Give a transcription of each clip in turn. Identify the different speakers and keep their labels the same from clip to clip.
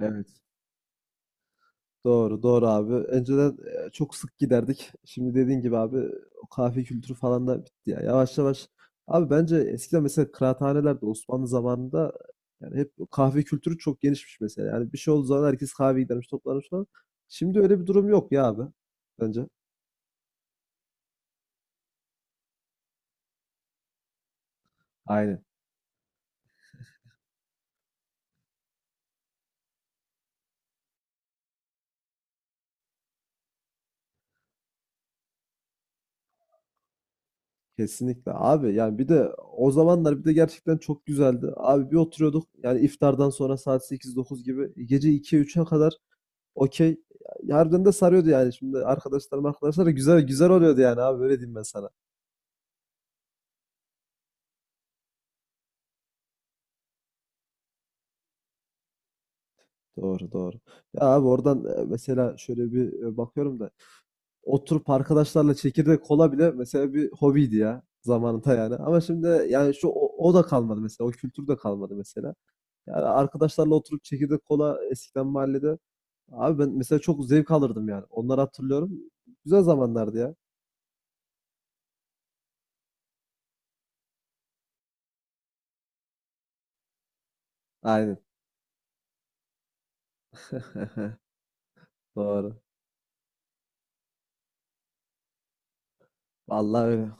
Speaker 1: Evet. Doğru, doğru abi. Önceden çok sık giderdik. Şimdi dediğin gibi abi o kahve kültürü falan da bitti ya. Yavaş yavaş. Abi bence eskiden mesela kıraathanelerde Osmanlı zamanında yani hep kahve kültürü çok genişmiş mesela. Yani bir şey olduğu zaman herkes kahve gidermiş, toplanmış falan. Şimdi öyle bir durum yok ya abi. Bence. Aynen. Kesinlikle abi, yani bir de o zamanlar bir de gerçekten çok güzeldi. Abi bir oturuyorduk yani iftardan sonra saat 8-9 gibi gece 2-3'e kadar okey. Harbiden de sarıyordu yani. Şimdi arkadaşlar güzel güzel oluyordu yani abi, öyle diyeyim ben sana. Doğru doğru. Ya abi oradan mesela şöyle bir bakıyorum da oturup arkadaşlarla çekirdek kola bile mesela bir hobiydi ya zamanında yani. Ama şimdi yani o da kalmadı mesela. O kültür de kalmadı mesela. Yani arkadaşlarla oturup çekirdek kola eskiden mahallede. Abi ben mesela çok zevk alırdım yani. Onları hatırlıyorum. Güzel zamanlardı ya. Aynen. Doğru. Vallahi öyle.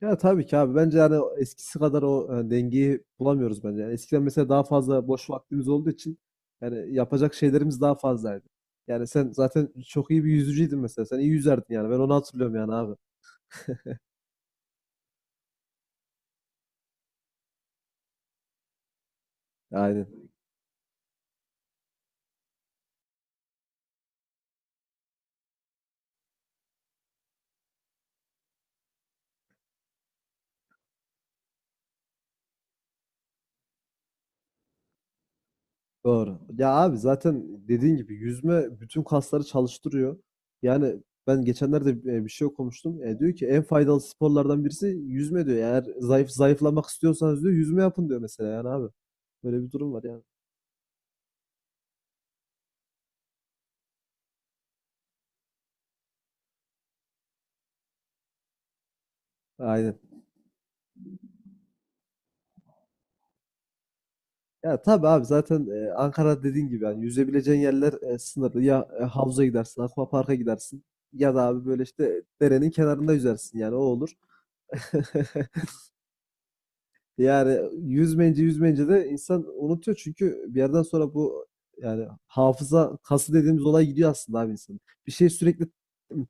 Speaker 1: Ya tabii ki abi. Bence yani eskisi kadar o, yani dengeyi bulamıyoruz bence. Yani eskiden mesela daha fazla boş vaktimiz olduğu için yani yapacak şeylerimiz daha fazlaydı. Yani sen zaten çok iyi bir yüzücüydün mesela. Sen iyi yüzerdin yani. Ben onu hatırlıyorum yani abi. Aynen. Doğru. Ya abi zaten dediğin gibi yüzme bütün kasları çalıştırıyor. Yani ben geçenlerde bir şey okumuştum. Diyor ki en faydalı sporlardan birisi yüzme diyor. Eğer zayıflamak istiyorsanız diyor, yüzme yapın diyor mesela yani abi. Böyle bir durum var yani. Aynen. Ya tabii abi, zaten Ankara dediğin gibi yani yüzebileceğin yerler sınırlı. Ya havuza gidersin, aquaparka gidersin ya da abi böyle işte derenin kenarında yüzersin yani o olur. Yani yüzmeyince de insan unutuyor, çünkü bir yerden sonra bu yani hafıza kası dediğimiz olay gidiyor aslında abi insanın. Bir şey sürekli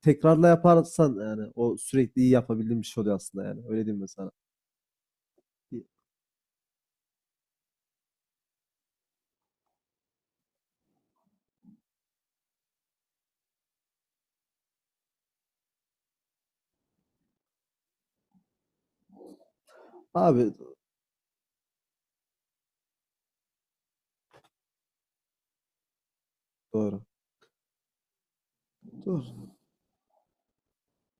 Speaker 1: tekrarla yaparsan yani o sürekli iyi yapabildiğin bir şey oluyor aslında, yani öyle diyeyim ben sana. Abi doğru. Doğru.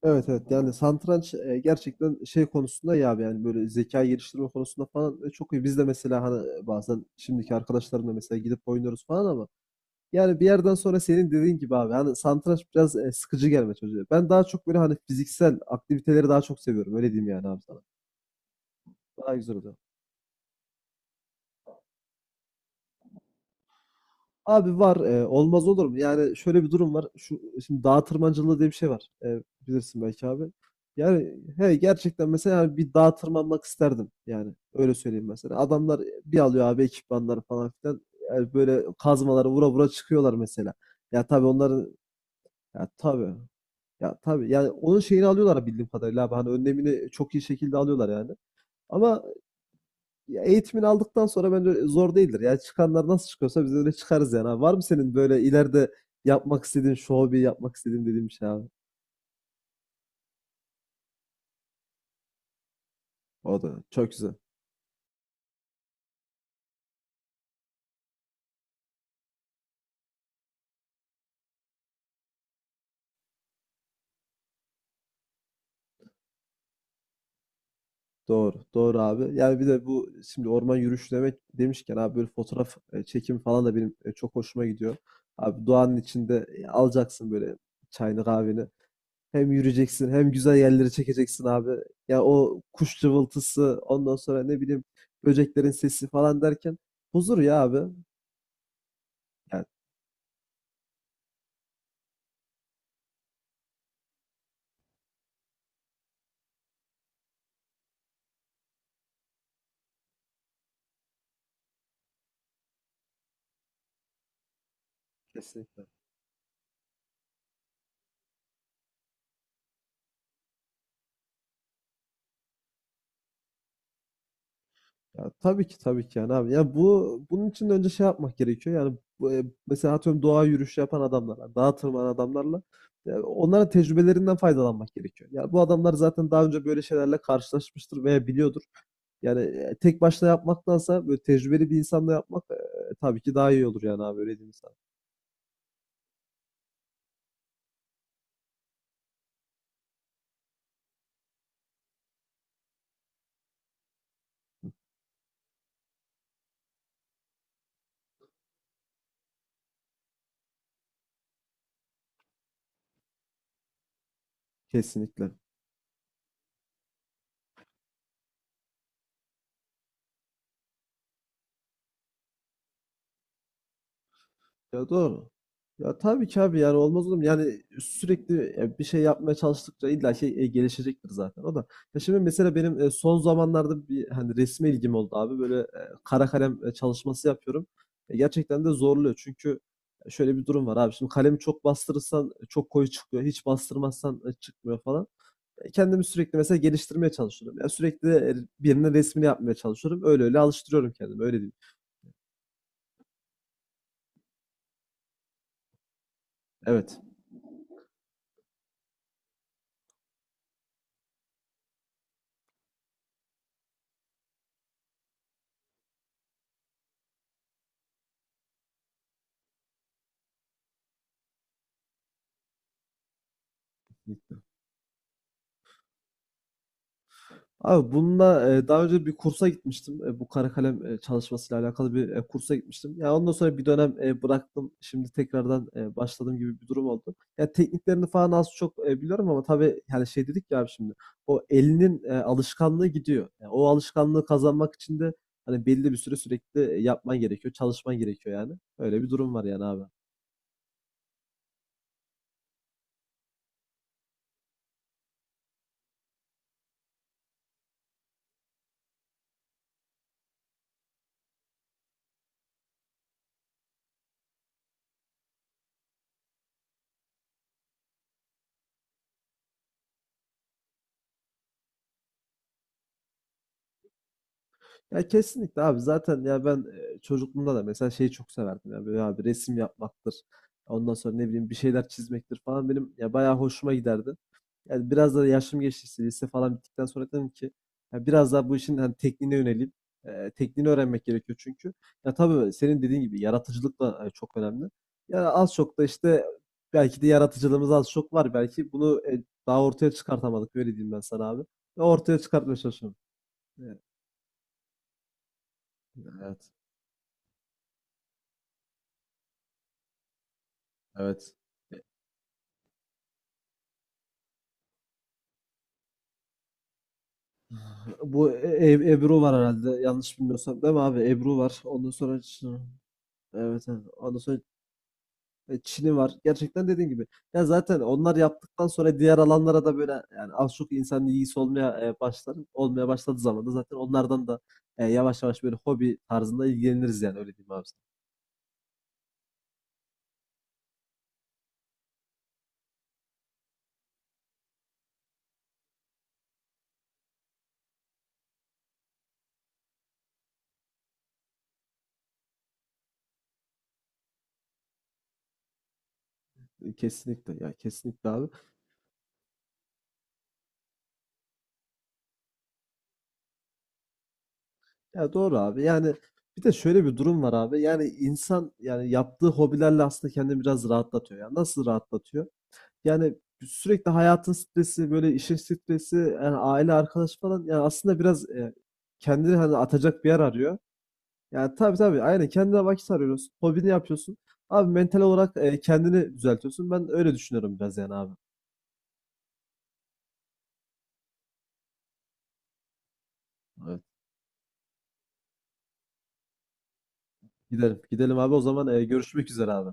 Speaker 1: Evet evet, yani satranç gerçekten şey konusunda, ya abi yani böyle zeka geliştirme konusunda falan çok iyi. Biz de mesela hani bazen şimdiki arkadaşlarımla mesela gidip oynuyoruz falan, ama yani bir yerden sonra senin dediğin gibi abi hani satranç biraz sıkıcı gelme çocuğa. Ben daha çok böyle hani fiziksel aktiviteleri daha çok seviyorum, öyle diyeyim yani abi sana. Daha güzel oluyor. Abi var, olmaz olur mu? Yani şöyle bir durum var. Şu şimdi dağ tırmancılığı diye bir şey var. Bilirsin belki abi. Yani he gerçekten mesela, yani bir dağ tırmanmak isterdim. Yani öyle söyleyeyim mesela. Adamlar bir alıyor abi ekipmanları falan filan. Yani böyle kazmaları vura vura çıkıyorlar mesela. Ya tabii onların, ya tabii. Ya tabii yani onun şeyini alıyorlar bildiğim kadarıyla abi. Hani önlemini çok iyi şekilde alıyorlar yani. Ama ya eğitimini aldıktan sonra bence zor değildir. Yani çıkanlar nasıl çıkıyorsa biz de öyle çıkarız yani abi. Var mı senin böyle ileride yapmak istediğin, şu hobi yapmak istediğin dediğin bir şey abi? O da çok güzel. Doğru. Doğru abi. Yani bir de bu şimdi orman yürüyüşü demek demişken abi böyle fotoğraf çekimi falan da benim çok hoşuma gidiyor. Abi doğanın içinde alacaksın böyle çayını kahveni. Hem yürüyeceksin hem güzel yerleri çekeceksin abi. Ya o kuş cıvıltısı, ondan sonra ne bileyim böceklerin sesi falan derken huzur ya abi. Yani kesinlikle. Ya tabii ki tabii ki yani abi. Ya bu, bunun için de önce şey yapmak gerekiyor. Yani bu mesela atıyorum doğa yürüyüşü yapan adamlarla, dağa tırmanan adamlarla ya onların tecrübelerinden faydalanmak gerekiyor. Ya bu adamlar zaten daha önce böyle şeylerle karşılaşmıştır veya biliyordur. Yani tek başına yapmaktansa böyle tecrübeli bir insanla yapmak tabii ki daha iyi olur yani abi, öyle diyeyim sana. Kesinlikle. Ya doğru. Ya tabii ki abi yani olmaz olur mu? Yani sürekli bir şey yapmaya çalıştıkça illa şey gelişecektir zaten o da. Ya şimdi mesela benim son zamanlarda bir, hani, resme ilgim oldu abi. Böyle kara kalem çalışması yapıyorum. E, gerçekten de zorluyor. Çünkü şöyle bir durum var abi. Şimdi kalemi çok bastırırsan çok koyu çıkıyor. Hiç bastırmazsan çıkmıyor falan. E, kendimi sürekli mesela geliştirmeye çalışıyorum. Ya sürekli birinin resmini yapmaya çalışıyorum. Öyle öyle alıştırıyorum kendimi. Öyle. Evet. Abi bununla daha önce bir kursa gitmiştim. Bu kara kalem çalışmasıyla alakalı bir kursa gitmiştim. Ya, ondan sonra bir dönem bıraktım. Şimdi tekrardan başladığım gibi bir durum oldu. Ya, tekniklerini falan az çok biliyorum ama tabii yani, şey dedik ya abi şimdi, o elinin alışkanlığı gidiyor. Ya, o alışkanlığı kazanmak için de hani belli bir süre sürekli yapman gerekiyor, çalışman gerekiyor yani. Öyle bir durum var yani abi. Ya kesinlikle abi, zaten ya ben çocukluğumda da mesela şeyi çok severdim ya, böyle abi resim yapmaktır. Ondan sonra ne bileyim bir şeyler çizmektir falan benim ya bayağı hoşuma giderdi. Yani biraz da yaşım geçtikçe lise falan bittikten sonra dedim ki ya biraz daha bu işin hani tekniğine yöneleyim. E, tekniğini öğrenmek gerekiyor çünkü. Ya tabii senin dediğin gibi yaratıcılık da çok önemli. Ya az çok da işte belki de yaratıcılığımız az çok var. Belki bunu daha ortaya çıkartamadık, öyle diyeyim ben sana abi. Ve ortaya çıkartmaya çalışıyorum. E, evet. Evet. Bu Ebru var herhalde. Yanlış bilmiyorsam değil mi abi? Ebru var. Ondan sonra evet, evet. Ondan sonra Çin'i var. Gerçekten dediğin gibi. Ya zaten onlar yaptıktan sonra diğer alanlara da böyle, yani az çok insanın ilgisi olmaya başlar. Olmaya başladığı zaman da zaten onlardan da yavaş yavaş böyle hobi tarzında ilgileniriz, yani öyle diyeyim abi sana. E, kesinlikle, ya kesinlikle abi. Ya doğru abi. Yani bir de şöyle bir durum var abi. Yani insan, yani yaptığı hobilerle aslında kendini biraz rahatlatıyor. Ya nasıl rahatlatıyor? Yani sürekli hayatın stresi, böyle işin stresi, yani aile, arkadaş falan, yani aslında biraz kendini hani atacak bir yer arıyor. Yani tabii tabii aynen, kendine vakit arıyorsun. Hobini yapıyorsun. Abi mental olarak kendini düzeltiyorsun. Ben öyle düşünüyorum biraz yani abi. Evet. Gidelim. Gidelim abi, o zaman görüşmek üzere abi.